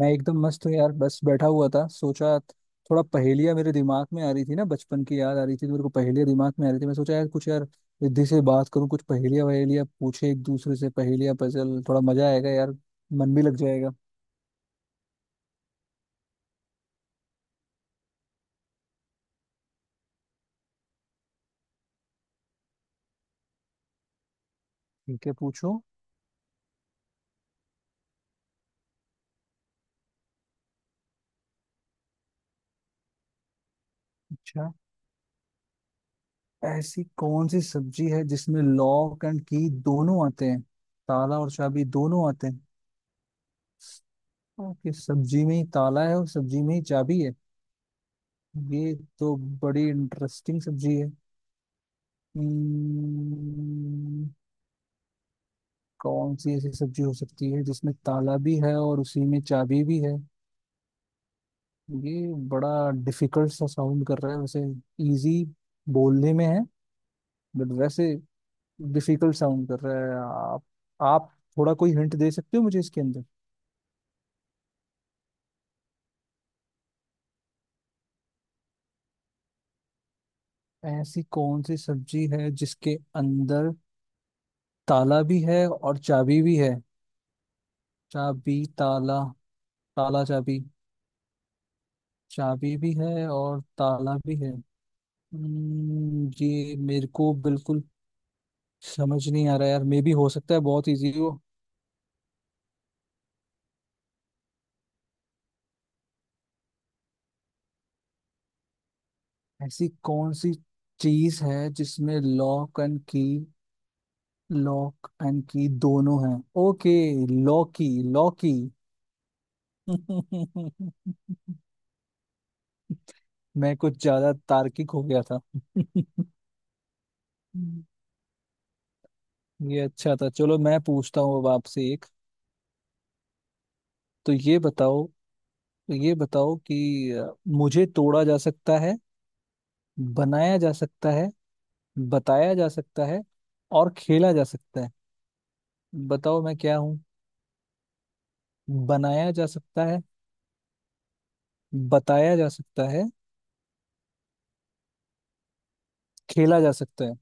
मैं एकदम मस्त हूँ यार। बस बैठा हुआ था, सोचा थोड़ा पहेलियाँ मेरे दिमाग में आ रही थी ना, बचपन की याद आ रही थी, तो मेरे को पहेलियाँ दिमाग में आ रही थी। मैं सोचा यार कुछ यार रिद्धि से बात करूँ, कुछ पहेलियाँ वहेलियाँ पूछे एक दूसरे से, पहेलियाँ, पजल, थोड़ा मजा आएगा यार, मन भी लग जाएगा। ठीक है, पूछो। अच्छा, ऐसी कौन सी सब्जी है जिसमें लॉक एंड की दोनों आते हैं, ताला और चाबी दोनों आते हैं? ओके, सब्जी में ही ताला है और सब्जी में ही चाबी है? ये तो बड़ी इंटरेस्टिंग सब्जी है। हम्म, कौन सी ऐसी सब्जी हो सकती है जिसमें ताला भी है और उसी में चाबी भी है? ये बड़ा डिफिकल्ट सा साउंड कर रहा है वैसे। इजी बोलने में है, बट वैसे डिफिकल्ट साउंड कर रहा है। आप आप थोड़ा कोई हिंट दे सकते हो मुझे इसके अंदर? ऐसी कौन सी सब्जी है जिसके अंदर ताला भी है और चाबी भी है? चाबी ताला, ताला चाबी, चाबी भी है और ताला भी है। ये मेरे को बिल्कुल समझ नहीं आ रहा यार। मे भी हो सकता है बहुत इजी हो। ऐसी कौन सी चीज है जिसमें लॉक एंड की दोनों हैं? ओके, लॉकी, लॉकी। मैं कुछ ज्यादा तार्किक हो गया था। ये अच्छा था। चलो मैं पूछता हूँ अब आपसे एक। तो ये बताओ, मुझे तोड़ा जा सकता है, बनाया जा सकता है, बताया जा सकता है और खेला जा सकता है। बताओ मैं क्या हूँ? बनाया जा सकता है, बताया जा सकता है, खेला जा सकता है।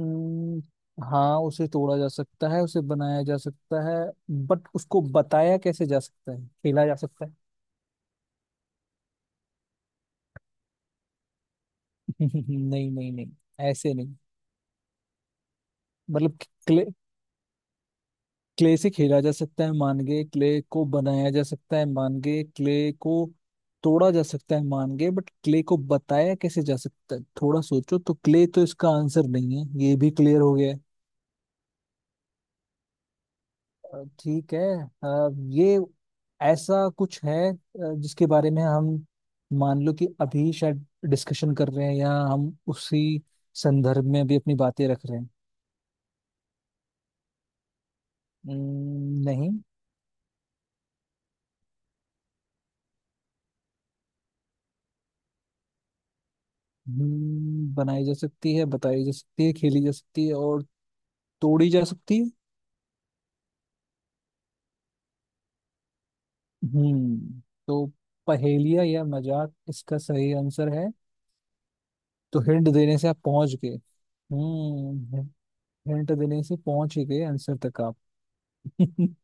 हम्म, हाँ, उसे तोड़ा जा सकता है, उसे बनाया जा सकता है, बट उसको बताया कैसे जा सकता है, खेला जा सकता है? नहीं नहीं नहीं, ऐसे नहीं। मतलब क्ले से खेला जा सकता है, मान गए, क्ले को बनाया जा सकता है, मान गए, क्ले को तोड़ा जा सकता है, मान गए, बट क्ले को बताया कैसे जा सकता है? थोड़ा सोचो, तो क्ले तो इसका आंसर नहीं है ये भी क्लियर हो गया है। ठीक है। अ, ये ऐसा कुछ है, जिसके बारे में हम मान लो कि अभी शायद डिस्कशन कर रहे हैं, या हम उसी संदर्भ में अभी अपनी बातें रख रहे हैं। नहीं। बनाई जा सकती है, बताई जा सकती है, खेली जा सकती है और तोड़ी जा सकती है। हम्म। तो पहेलिया या मजाक इसका सही आंसर है। तो हिंट देने से आप पहुंच गए। हम्म, हिंट देने से पहुंच ही गए आंसर तक आप।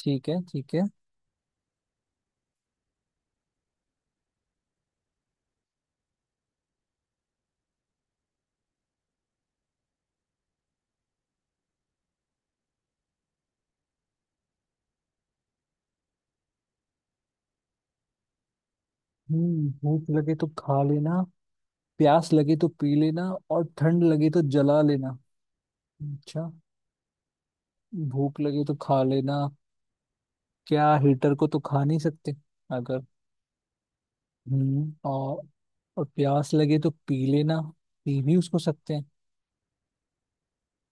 ठीक है, ठीक है। हम्म, भूख लगे तो खा लेना, प्यास लगे तो पी लेना और ठंड लगे तो जला लेना। अच्छा, भूख लगे तो खा लेना, क्या हीटर को तो खा नहीं सकते अगर। हम्म, और प्यास लगे तो पी लेना, पी भी उसको सकते हैं।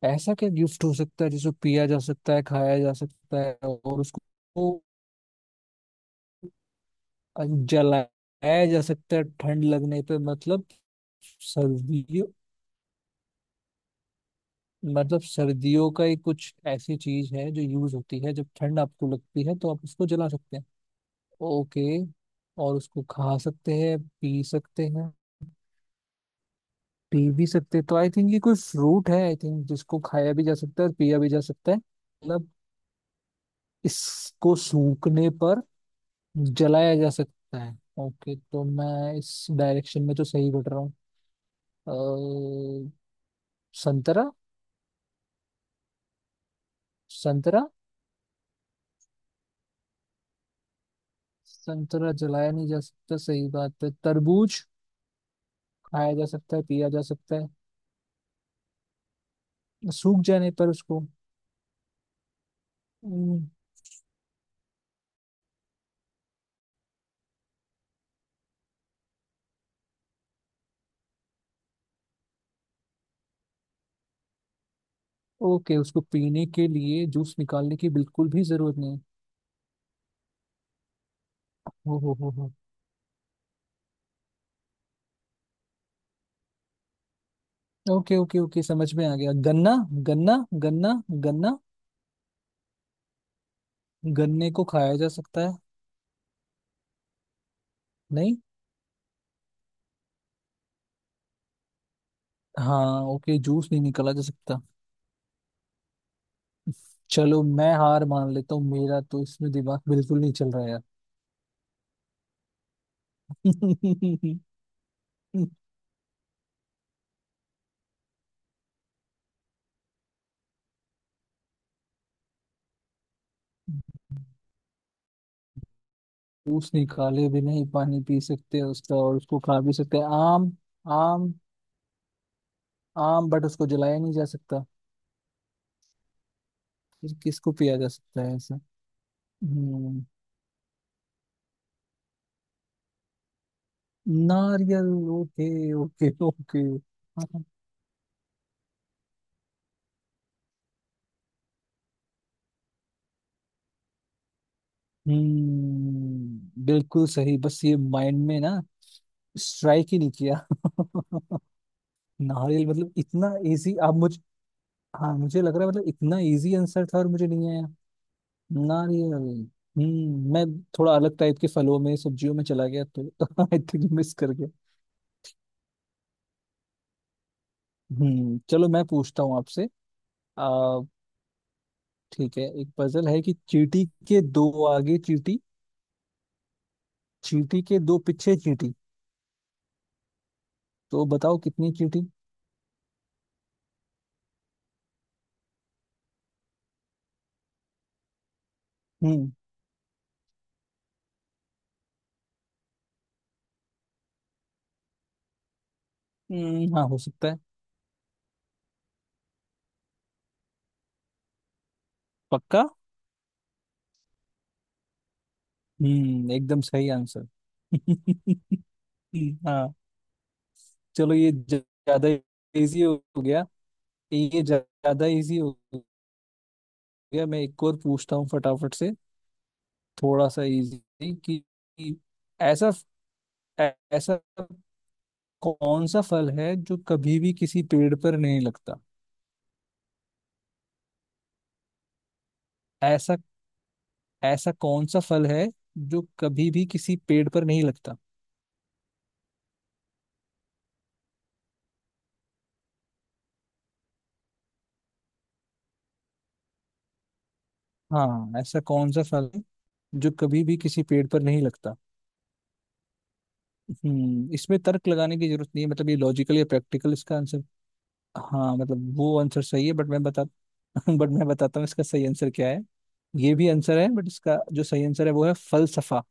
ऐसा क्या गिफ्ट हो सकता है जिसको पिया जा सकता है, खाया जा सकता है और उसको जलाया जा सकता है? ठंड लगने पे मतलब सर्दियों, मतलब सर्दियों का ही कुछ ऐसी चीज है जो यूज होती है, जब ठंड आपको लगती है तो आप उसको जला सकते हैं। ओके, और उसको खा सकते हैं, पी सकते हैं, पी भी सकते हैं। तो आई थिंक ये कोई फ्रूट है आई थिंक, जिसको खाया भी जा सकता है और पिया भी जा सकता है, मतलब इसको सूखने पर जलाया जा सकता है। ओके, तो मैं इस डायरेक्शन में तो सही बढ़ रहा हूँ। अ, संतरा। संतरा संतरा जलाया नहीं जा सकता, सही बात है। तरबूज खाया जा सकता है, पिया जा सकता है, सूख जाने पर उसको। हम्म, ओके, उसको पीने के लिए जूस निकालने की बिल्कुल भी जरूरत नहीं। हो हो, ओके ओके ओके, समझ में आ गया। गन्ना गन्ना गन्ना। गन्ने को खाया जा सकता है। नहीं। हाँ ओके, जूस नहीं निकाला जा सकता। चलो मैं हार मान लेता हूँ, मेरा तो इसमें दिमाग बिल्कुल नहीं चल रहा यार। जूस निकाले भी नहीं पानी पी सकते हैं उसका और उसको खा भी सकते हैं। आम। आम आम बट उसको जलाया नहीं जा सकता। फिर किसको पिया जा सकता है ऐसा? हम्म, नारियल? Okay, okay okay. हम्म, बिल्कुल सही, बस ये माइंड में ना स्ट्राइक ही नहीं किया। नारियल, मतलब इतना इजी, आप मुझ हाँ, मुझे लग रहा है मतलब इतना इजी आंसर था और मुझे नहीं आया। नारियल। मैं थोड़ा अलग टाइप के फलों में, सब्जियों में चला गया तो आई थिंक मिस कर गया। हम्म, चलो मैं पूछता हूँ आपसे। आ ठीक है, एक पजल है कि चींटी के दो आगे चींटी, चींटी के दो पीछे चींटी, तो बताओ कितनी चींटी? हम्म। हाँ हो सकता है। पक्का? हम्म, एकदम सही आंसर। हाँ। चलो, ये ज्यादा इजी हो गया, ये ज्यादा इजी हो मैं एक और पूछता हूँ फटाफट से, थोड़ा सा इजी। कि ऐसा, ऐसा कौन सा फल है जो कभी भी किसी पेड़ पर नहीं लगता? ऐसा ऐसा कौन सा फल है जो कभी भी किसी पेड़ पर नहीं लगता? हाँ, ऐसा कौन सा फल है जो कभी भी किसी पेड़ पर नहीं लगता? हम्म, इसमें तर्क लगाने की जरूरत नहीं है, मतलब ये लॉजिकल या प्रैक्टिकल इसका आंसर। हाँ मतलब वो आंसर सही है बट मैं बता बट मैं बताता हूँ इसका सही आंसर क्या है। ये भी आंसर है बट इसका जो सही आंसर है वो है फलसफा।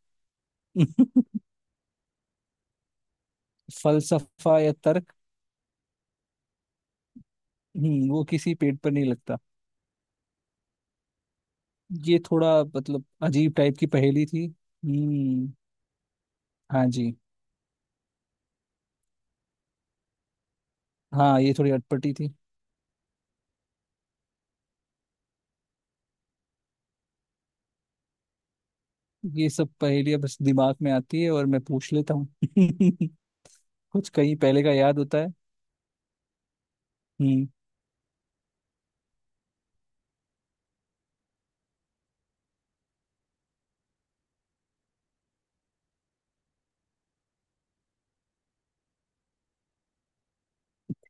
फलसफा या तर्क। वो किसी पेड़ पर नहीं लगता। ये थोड़ा मतलब अजीब टाइप की पहेली थी। हम्म। हाँ जी, हाँ ये थोड़ी अटपटी थी। ये सब पहेलियां बस दिमाग में आती है और मैं पूछ लेता हूँ। कुछ कहीं पहले का याद होता है। हम्म।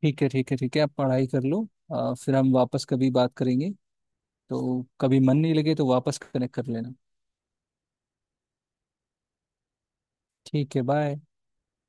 ठीक है ठीक है ठीक है, आप पढ़ाई कर लो। फिर हम वापस कभी बात करेंगे। तो कभी मन नहीं लगे तो वापस कनेक्ट कर लेना। ठीक है, बाय।